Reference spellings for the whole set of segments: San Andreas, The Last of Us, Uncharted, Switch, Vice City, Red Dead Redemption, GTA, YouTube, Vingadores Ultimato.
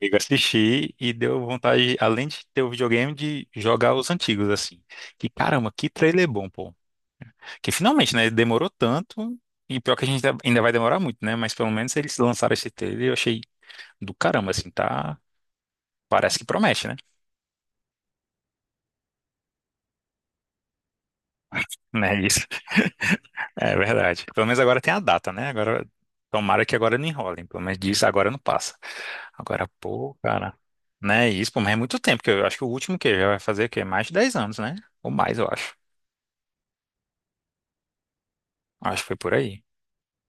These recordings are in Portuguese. Eu assisti e deu vontade, além de ter o videogame, de jogar os antigos, assim. Que caramba, que trailer bom, pô. Que finalmente, né? Demorou tanto. E pior que a gente ainda vai demorar muito, né? Mas pelo menos eles lançaram esse trailer e eu achei do caramba, assim, tá? Parece que promete, né? Né, isso. É verdade. Pelo menos agora tem a data, né? Agora, tomara que agora não enrolem. Pelo menos disso agora não passa. Agora, pô, cara. Né, isso, pô, mas é muito tempo, que eu acho que o último que já vai fazer o quê? Mais de 10 anos, né? Ou mais, eu acho. Acho que foi por aí.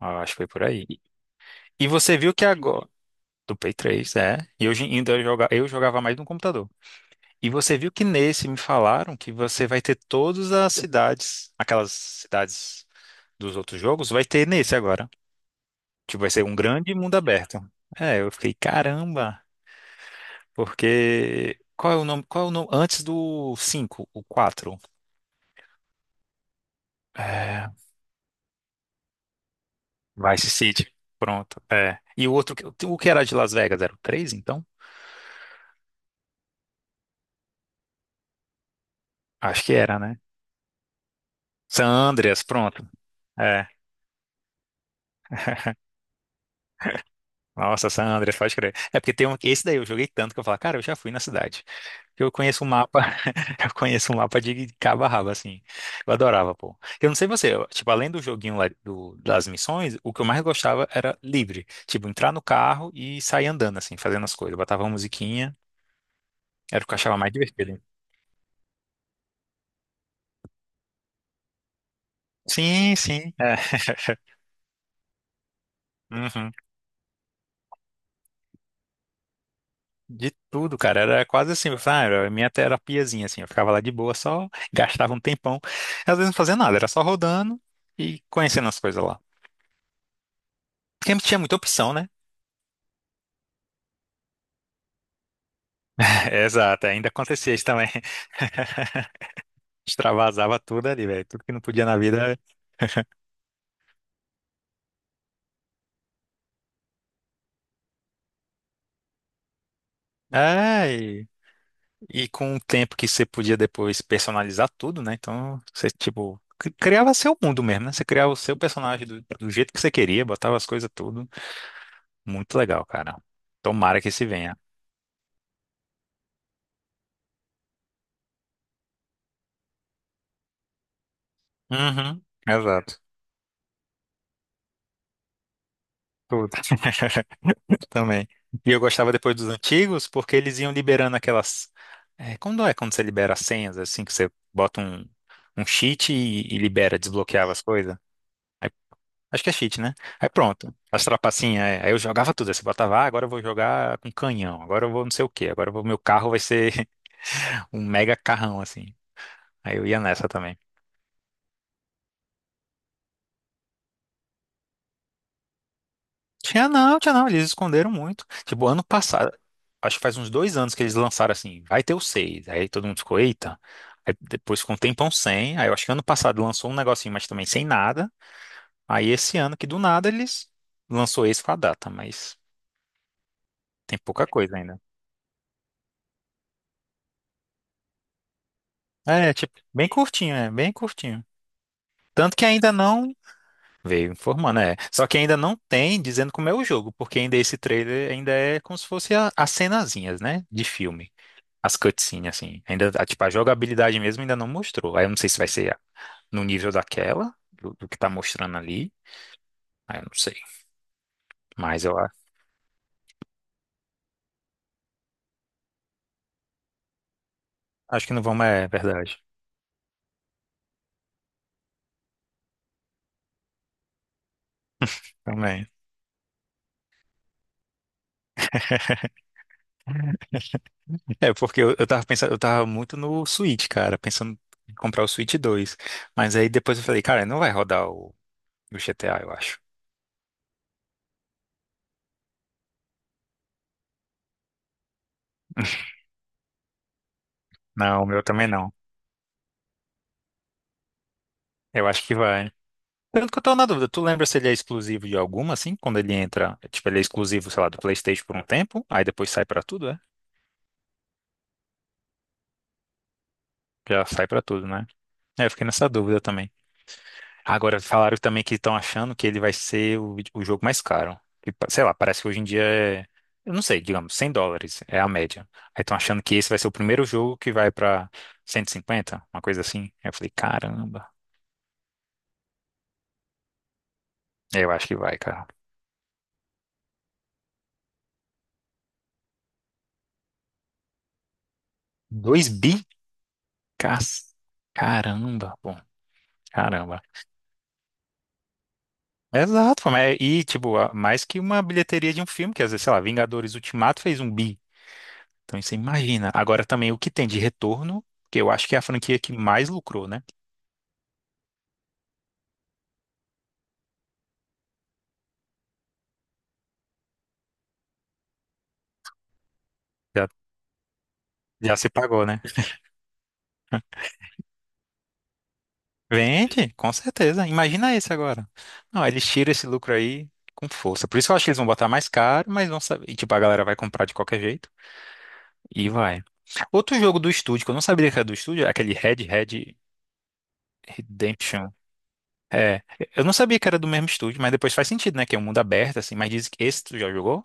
Acho que foi por aí. E você viu que agora. Do Play 3, é. E hoje ainda eu jogava mais no computador. E você viu que nesse me falaram que você vai ter todas as cidades, aquelas cidades dos outros jogos, vai ter nesse agora. Tipo, vai ser um grande mundo aberto. É, eu fiquei, caramba, porque. Qual é o nome? Qual é o nome? Antes do 5, o 4? É. Vice City. Pronto. É. E o outro, o que era de Las Vegas? Era o 3, então? Acho que era, né? San Andreas, pronto. É. Nossa, San Andreas, pode crer. É porque tem um. Esse daí eu joguei tanto que eu falo, cara, eu já fui na cidade. Eu conheço um mapa. Eu conheço um mapa de cabo a rabo, assim. Eu adorava, pô. Eu não sei você, tipo, além do joguinho lá das missões, o que eu mais gostava era livre. Tipo, entrar no carro e sair andando, assim, fazendo as coisas. Eu botava uma musiquinha, era o que eu achava mais divertido. Sim, sim. É. Uhum. De tudo, cara. Era quase assim, ah, era a minha terapiazinha, assim. Eu ficava lá de boa, só gastava um tempão. Às vezes não fazia nada, era só rodando e conhecendo as coisas lá. Porque não tinha muita opção, né? Exato, ainda acontecia isso também. Extravasava tudo ali, velho. Tudo que não podia na vida. É, e com o tempo que você podia depois personalizar tudo, né? Então, você, tipo, criava seu mundo mesmo, né? Você criava o seu personagem do jeito que você queria, botava as coisas tudo. Muito legal, cara. Tomara que se venha. Uhum, exato. Tudo. Também. E eu gostava depois dos antigos, porque eles iam liberando aquelas. É quando você libera as senhas, assim, que você bota um cheat e libera, desbloqueava as coisas? Aí- Acho que é cheat, né? Aí pronto. As trapacinhas, é. Aí eu jogava tudo. Aí você botava, ah, agora eu vou jogar com canhão, agora eu vou não sei o quê, agora eu vou, meu carro vai ser um mega carrão, assim. Aí eu ia nessa também. Tinha não, eles esconderam muito. Tipo, ano passado, acho que faz uns 2 anos que eles lançaram assim, vai ter o seis Aí todo mundo ficou, eita. Aí depois ficou um tempão sem. Aí eu acho que ano passado lançou um negocinho, mas também sem nada. Aí esse ano que do nada eles lançou esse com a data, mas tem pouca coisa ainda. É, tipo, bem curtinho, é, bem curtinho. Tanto que ainda não veio informando, é. Só que ainda não tem dizendo como é o jogo, porque ainda esse trailer ainda é como se fosse as cenazinhas, né, de filme. As cutscenes, assim. Ainda, tipo, a jogabilidade mesmo ainda não mostrou. Aí eu não sei se vai ser no nível daquela, do que tá mostrando ali. Aí eu não sei. Mas acho que não vamos, é verdade. Também. É, porque eu tava pensando, eu tava muito no Switch, cara, pensando em comprar o Switch 2 Mas aí depois eu falei, cara, não vai rodar o GTA, eu acho. Não, o meu também não. Eu acho que vai. Tanto que eu tô na dúvida, tu lembra se ele é exclusivo de alguma, assim, quando ele entra, tipo, ele é exclusivo, sei lá, do PlayStation por um tempo, aí depois sai pra tudo, é? Já sai pra tudo, né? É, eu fiquei nessa dúvida também. Agora, falaram também que estão achando que ele vai ser o jogo mais caro. Sei lá, parece que hoje em dia é. Eu não sei, digamos, US$ 100 é a média. Aí estão achando que esse vai ser o primeiro jogo que vai pra 150 uma coisa assim. Aí eu falei, caramba. É, eu acho que vai, cara. 2 bi? Cas- Caramba, bom, caramba. Exato, pô, mas- e tipo, mais que uma bilheteria de um filme, que às vezes, sei lá, Vingadores Ultimato fez um bi. Então você imagina. Agora também o que tem de retorno, que eu acho que é a franquia que mais lucrou, né? Já, já se pagou, né? Vende, com certeza. Imagina esse agora. Não, eles tiram esse lucro aí com força. Por isso que eu acho que eles vão botar mais caro, mas vão saber. E tipo, a galera vai comprar de qualquer jeito. E vai. Outro jogo do estúdio, que eu não sabia que era do estúdio, é aquele Red Dead Redemption. É, eu não sabia que era do mesmo estúdio, mas depois faz sentido, né? Que é um mundo aberto, assim, mas diz que esse tu já jogou?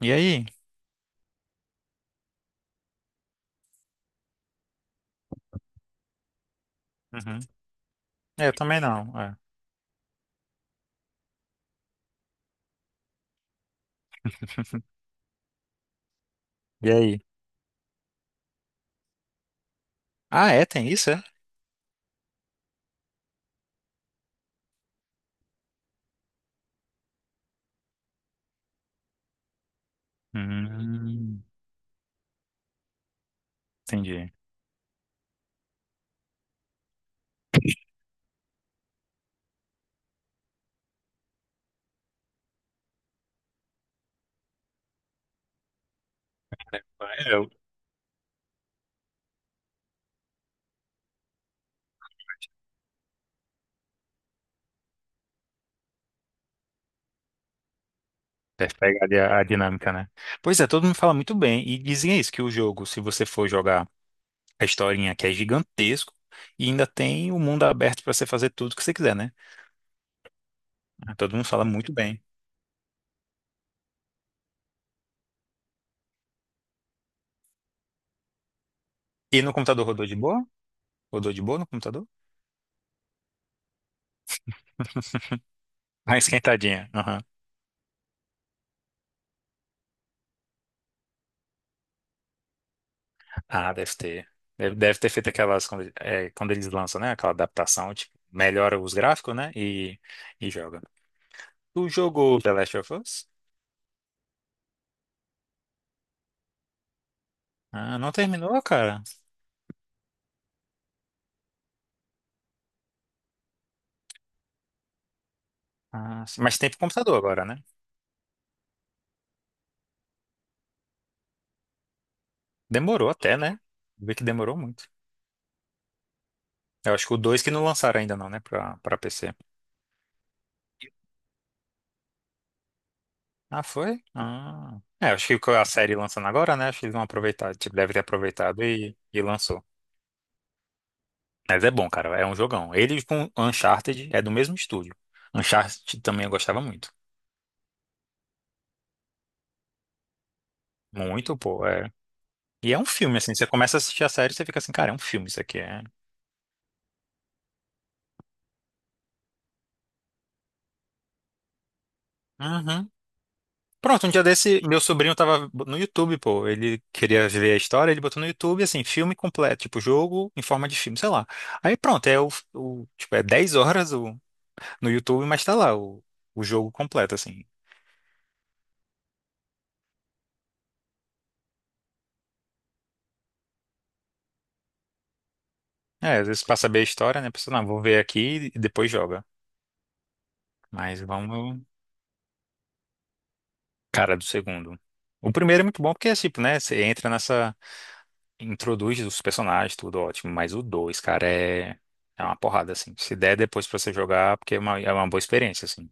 E aí? Uhum. É, eu também não. É. E aí? Ah, é? Tem isso, é? Hum, entendi. É, eu. Deve pegar ali a dinâmica, né? Pois é, todo mundo fala muito bem. E dizem é isso, que o jogo, se você for jogar a historinha, que é gigantesco, e ainda tem o mundo aberto pra você fazer tudo que você quiser, né? Ah, todo mundo fala muito bem. E no computador rodou de boa? Rodou de boa no computador? Mais esquentadinha. Aham. Ah, deve ter. Deve ter feito aquelas, quando eles lançam, né? Aquela adaptação, tipo, melhora os gráficos, né? e, joga. Tu jogou The Last of Us? Ah, não terminou, cara? Ah, sim. Mas tem pro computador agora, né? Demorou até, né? Vi que demorou muito. Eu acho que o 2 que não lançaram ainda não, né? Pra PC. Ah, foi? Ah. É, acho que a série lançando agora, né? Acho que eles vão aproveitar. Tipo, deve ter aproveitado e lançou. Mas é bom, cara. É um jogão. Ele com Uncharted é do mesmo estúdio. Uncharted também eu gostava muito. Muito, pô. É. E é um filme, assim. Você começa a assistir a série e você fica assim, cara, é um filme isso aqui. É. Uhum. Pronto, um dia desse, meu sobrinho tava no YouTube, pô. Ele queria ver a história, ele botou no YouTube, assim, filme completo, tipo, jogo em forma de filme, sei lá. Aí pronto, é tipo, é 10 horas no YouTube, mas tá lá o jogo completo, assim. É, às vezes pra saber a história, né, pessoal, não, vou ver aqui e depois joga. Mas vamos, cara, do segundo. O primeiro é muito bom porque, é, tipo, né, você entra nessa, introduz os personagens, tudo ótimo, mas o dois, cara, é... É uma porrada, assim. Se der depois pra você jogar, porque é uma boa experiência, assim.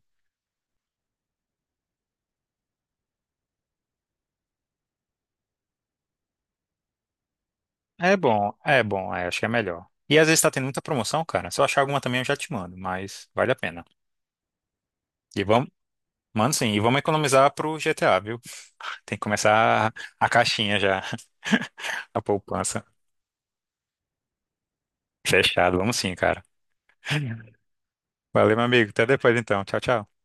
É bom, é bom, é, acho que é melhor. E às vezes tá tendo muita promoção, cara. Se eu achar alguma também, eu já te mando, mas vale a pena. E vamos, mano, sim, e, vamos economizar pro GTA, viu? Tem que começar a caixinha já, a poupança. Fechado, vamos sim, cara. Valeu, meu amigo. Até depois então. Tchau, tchau.